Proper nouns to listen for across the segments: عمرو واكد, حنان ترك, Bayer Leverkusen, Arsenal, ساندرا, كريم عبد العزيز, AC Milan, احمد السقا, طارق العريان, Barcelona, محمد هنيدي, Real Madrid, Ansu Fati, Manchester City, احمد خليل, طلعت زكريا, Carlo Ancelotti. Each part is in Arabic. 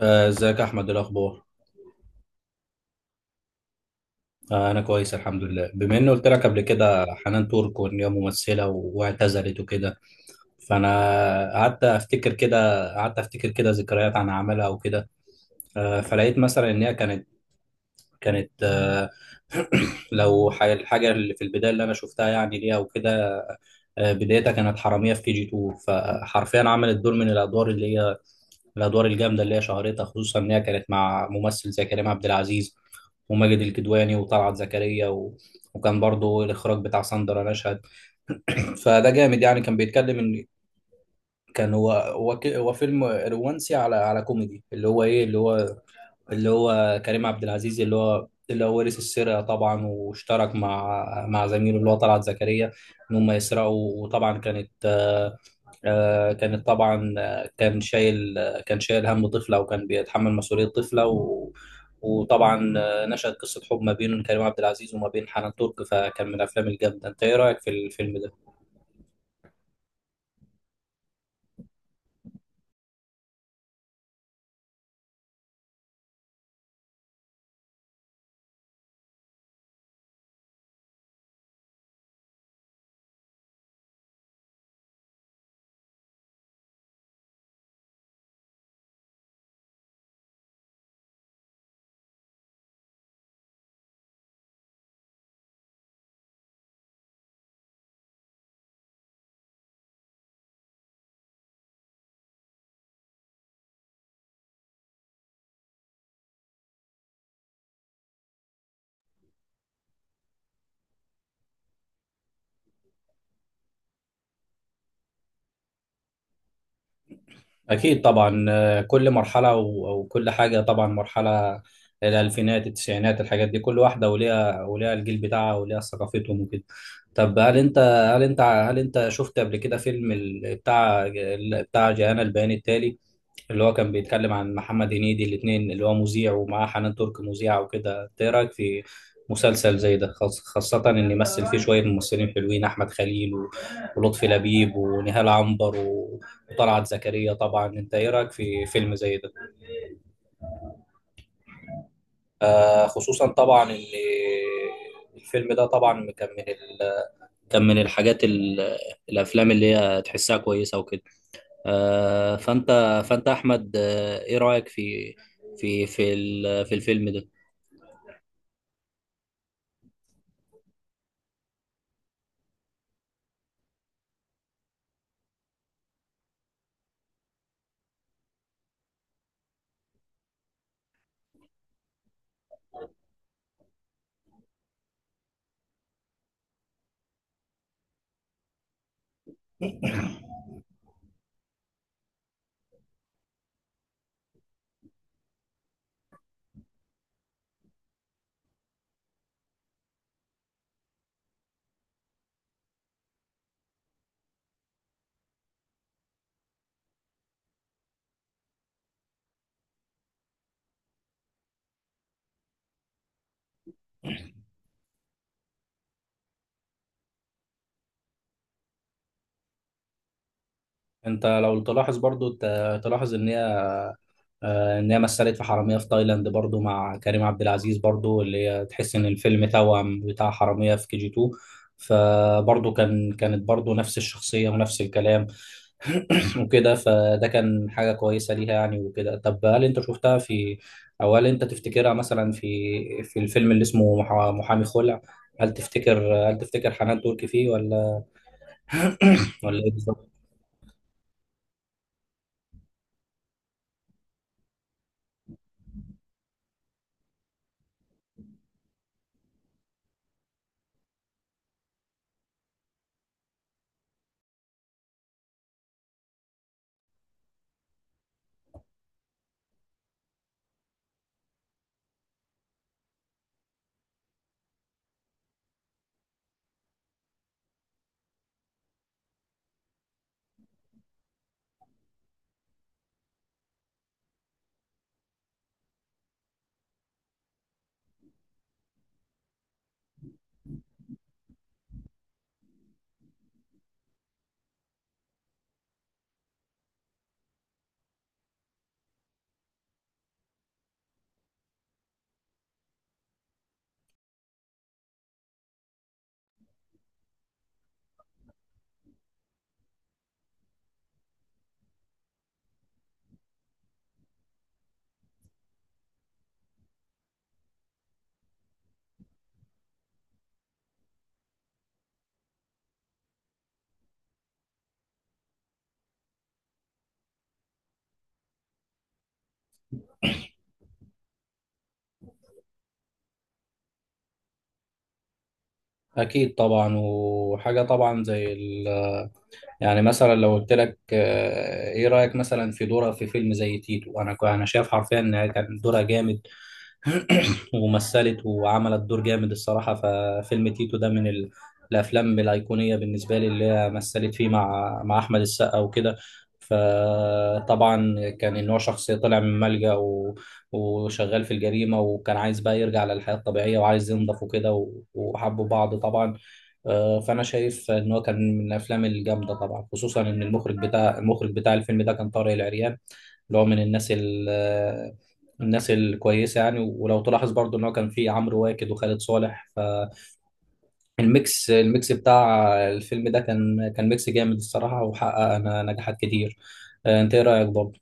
ازيك يا احمد، إيه الاخبار؟ انا كويس الحمد لله. بما اني قلت لك قبل كده حنان ترك، وان هي ممثله واعتزلت وكده، فانا قعدت افتكر كده، ذكريات عن اعمالها وكده. فلقيت مثلا ان هي كانت، كانت آه، لو الحاجه اللي في البدايه اللي انا شفتها يعني ليها وكده، بدايتها كانت حراميه في كي جي 2. فحرفيا عملت دور من الادوار اللي هي الادوار الجامده اللي هي شهرتها، خصوصا ان هي كانت مع ممثل زي كريم عبد العزيز وماجد الكدواني وطلعت زكريا، و... وكان برضو الاخراج بتاع ساندرا نشهد. فده جامد، يعني كان بيتكلم ان كان هو فيلم رومانسي على كوميدي، اللي هو ايه، اللي هو اللي هو كريم عبد العزيز اللي هو ورث السرقه طبعا، واشترك مع زميله اللي هو طلعت زكريا، ان هم يسرقوا. وطبعا كانت، آه، كانت طبعا آه، كان شايل، هم طفلة وكان بيتحمل مسؤولية طفلة، و... وطبعا نشأت قصة حب ما بين كريم عبد العزيز وما بين حنان ترك، فكان من الأفلام الجامدة. أنت إيه رأيك في الفيلم ده؟ أكيد طبعا، كل مرحلة، و... أو كل حاجة طبعا، مرحلة الألفينات، التسعينات، الحاجات دي كل واحدة وليها الجيل بتاعها وليها ثقافتهم وكده. طب هل أنت شفت قبل كده فيلم بتاع جاءنا البيان التالي؟ اللي هو كان بيتكلم عن محمد هنيدي الاثنين، اللي هو مذيع ومعاه حنان ترك مذيعة وكده. إنت ايه رأيك في مسلسل زي ده، خاصة ان يمثل فيه شوية ممثلين حلوين، احمد خليل ولطفي لبيب ونهال عنبر وطلعت زكريا؟ طبعا انت ايه رأيك في فيلم زي ده؟ آه، خصوصا طبعا ان الفيلم ده طبعا كان من الحاجات، الافلام اللي هي تحسها كويسة وكده. آه، فانت فانت احمد، ايه رايك في في الفيلم ده؟ انت لو تلاحظ برضو تلاحظ ان هي، ان هي مثلت في حراميه في تايلاند برضو مع كريم عبد العزيز برضو، اللي هي تحس ان الفيلم توأم بتاع حراميه في كي جي 2. فبرضو كانت برضو نفس الشخصيه ونفس الكلام وكده، فده كان حاجه كويسه ليها يعني وكده. طب هل انت شفتها في، او هل انت تفتكرها مثلا في في الفيلم اللي اسمه محامي خلع؟ هل تفتكر حنان تركي فيه، ولا ايه بالظبط؟ اكيد طبعا. وحاجه طبعا زي ال، يعني مثلا لو قلت لك، ايه رأيك مثلا في دورها في فيلم زي تيتو؟ انا شايف حرفيا ان كان دورها جامد، ومثلت وعملت دور جامد الصراحة. ففيلم تيتو ده من الافلام الايقونية بالنسبة لي، اللي هي مثلت فيه مع احمد السقا وكده. فطبعا كان ان هو شخص طلع من ملجأ، و... وشغال في الجريمة، وكان عايز بقى يرجع للحياة الطبيعية وعايز ينضف وكده، و... وحبوا بعض طبعا. فانا شايف ان هو كان من الافلام الجامده طبعا، خصوصا ان المخرج بتاع الفيلم ده كان طارق العريان، اللي هو من الناس ال آه، الناس الكويسه يعني. ولو تلاحظ برضو ان هو كان فيه عمرو واكد وخالد صالح، الميكس بتاع الفيلم ده كان ميكس جامد الصراحه، وحقق نجاحات كتير. انت ايه رايك برضو؟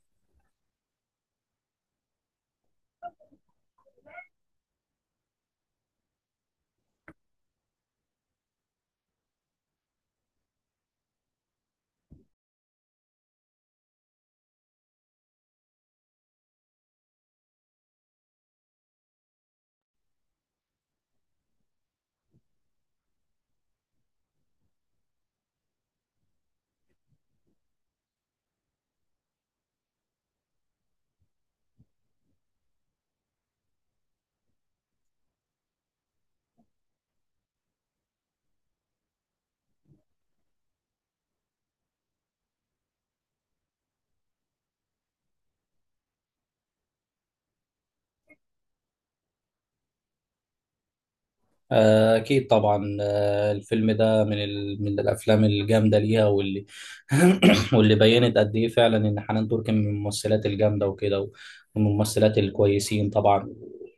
أكيد طبعا، الفيلم ده من من الأفلام الجامدة ليها، واللي واللي بينت قد إيه فعلا إن حنان ترك من الممثلات الجامدة وكده، ومن الممثلات الكويسين طبعا.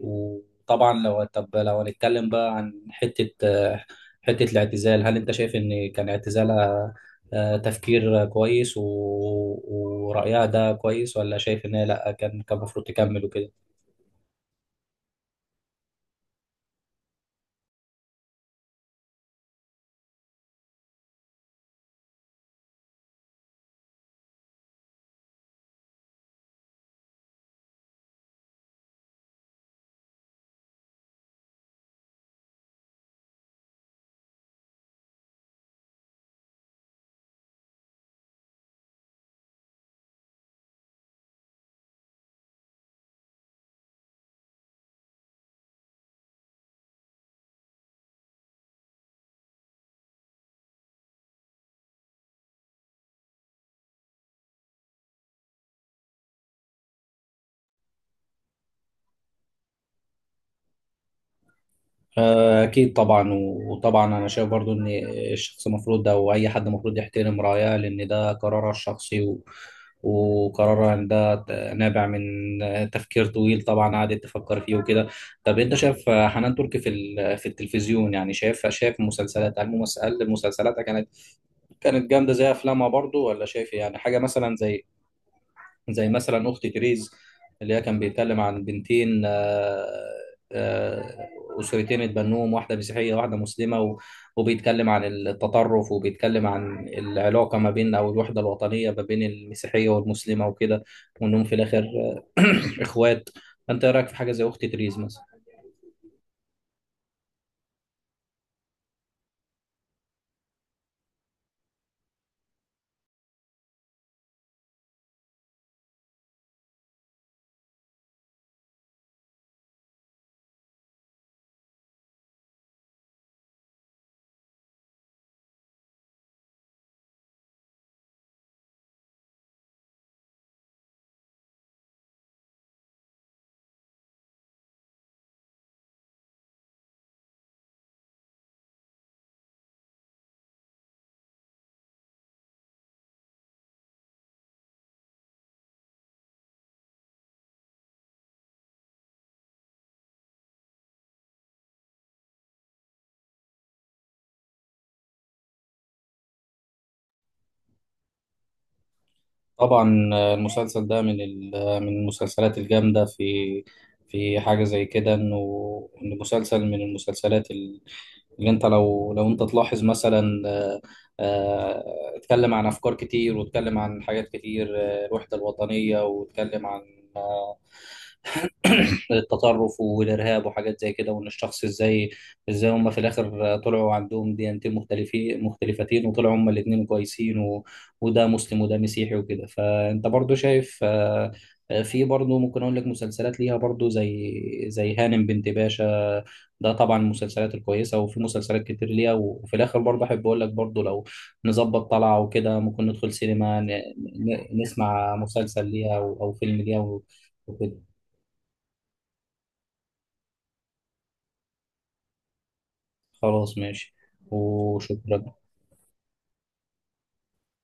وطبعا لو هنتكلم بقى عن حتة الاعتزال، هل أنت شايف إن كان اعتزالها تفكير كويس، و... ورأيها ده كويس، ولا شايف إن هي لأ، كان المفروض تكمل وكده؟ أكيد طبعا. وطبعا أنا شايف برضو إن الشخص المفروض، أو أي حد المفروض يحترم رأيها، لأن ده قرارها الشخصي، و... وقرارها إن ده نابع من تفكير طويل، طبعا قعدت تفكر فيه وكده. طب أنت شايف حنان تركي في في التلفزيون؟ يعني شايف، مسلسلات، هل مسلسلاتها كانت جامدة زي أفلامها برضو، ولا شايف يعني حاجة مثلا زي، زي مثلا اخت تريز، اللي هي كان بيتكلم عن بنتين، آه، اسرتين اتبنوهم، واحده مسيحيه واحده مسلمه، وبيتكلم عن التطرف، وبيتكلم عن العلاقه ما بين، او الوحده الوطنيه ما بين المسيحيه والمسلمه وكده، وانهم في الاخر آه، اخوات. انت إيه رايك في حاجه زي اخت تريز مثلا؟ طبعا المسلسل ده من من المسلسلات الجامده في في حاجه زي كده، إنه مسلسل من المسلسلات اللي انت، لو تلاحظ مثلا، آه، اتكلم عن افكار كتير، واتكلم عن حاجات كتير، الوحده الوطنيه، واتكلم عن التطرف والارهاب وحاجات زي كده. وان الشخص ازاي، هم في الاخر طلعوا عندهم ديانتين مختلفتين، وطلعوا هم الاثنين كويسين، و... وده مسلم وده مسيحي وكده. فانت برضو شايف، في برضو ممكن اقول لك مسلسلات ليها برضو، زي هانم بنت باشا، ده طبعا المسلسلات الكويسه، وفي مسلسلات كتير ليها. وفي الاخر برضه احب اقول لك برضه، لو نظبط طلعه وكده ممكن ندخل سينما، نسمع مسلسل ليها، او أو فيلم ليها وكده. خلاص ماشي، وشكرا.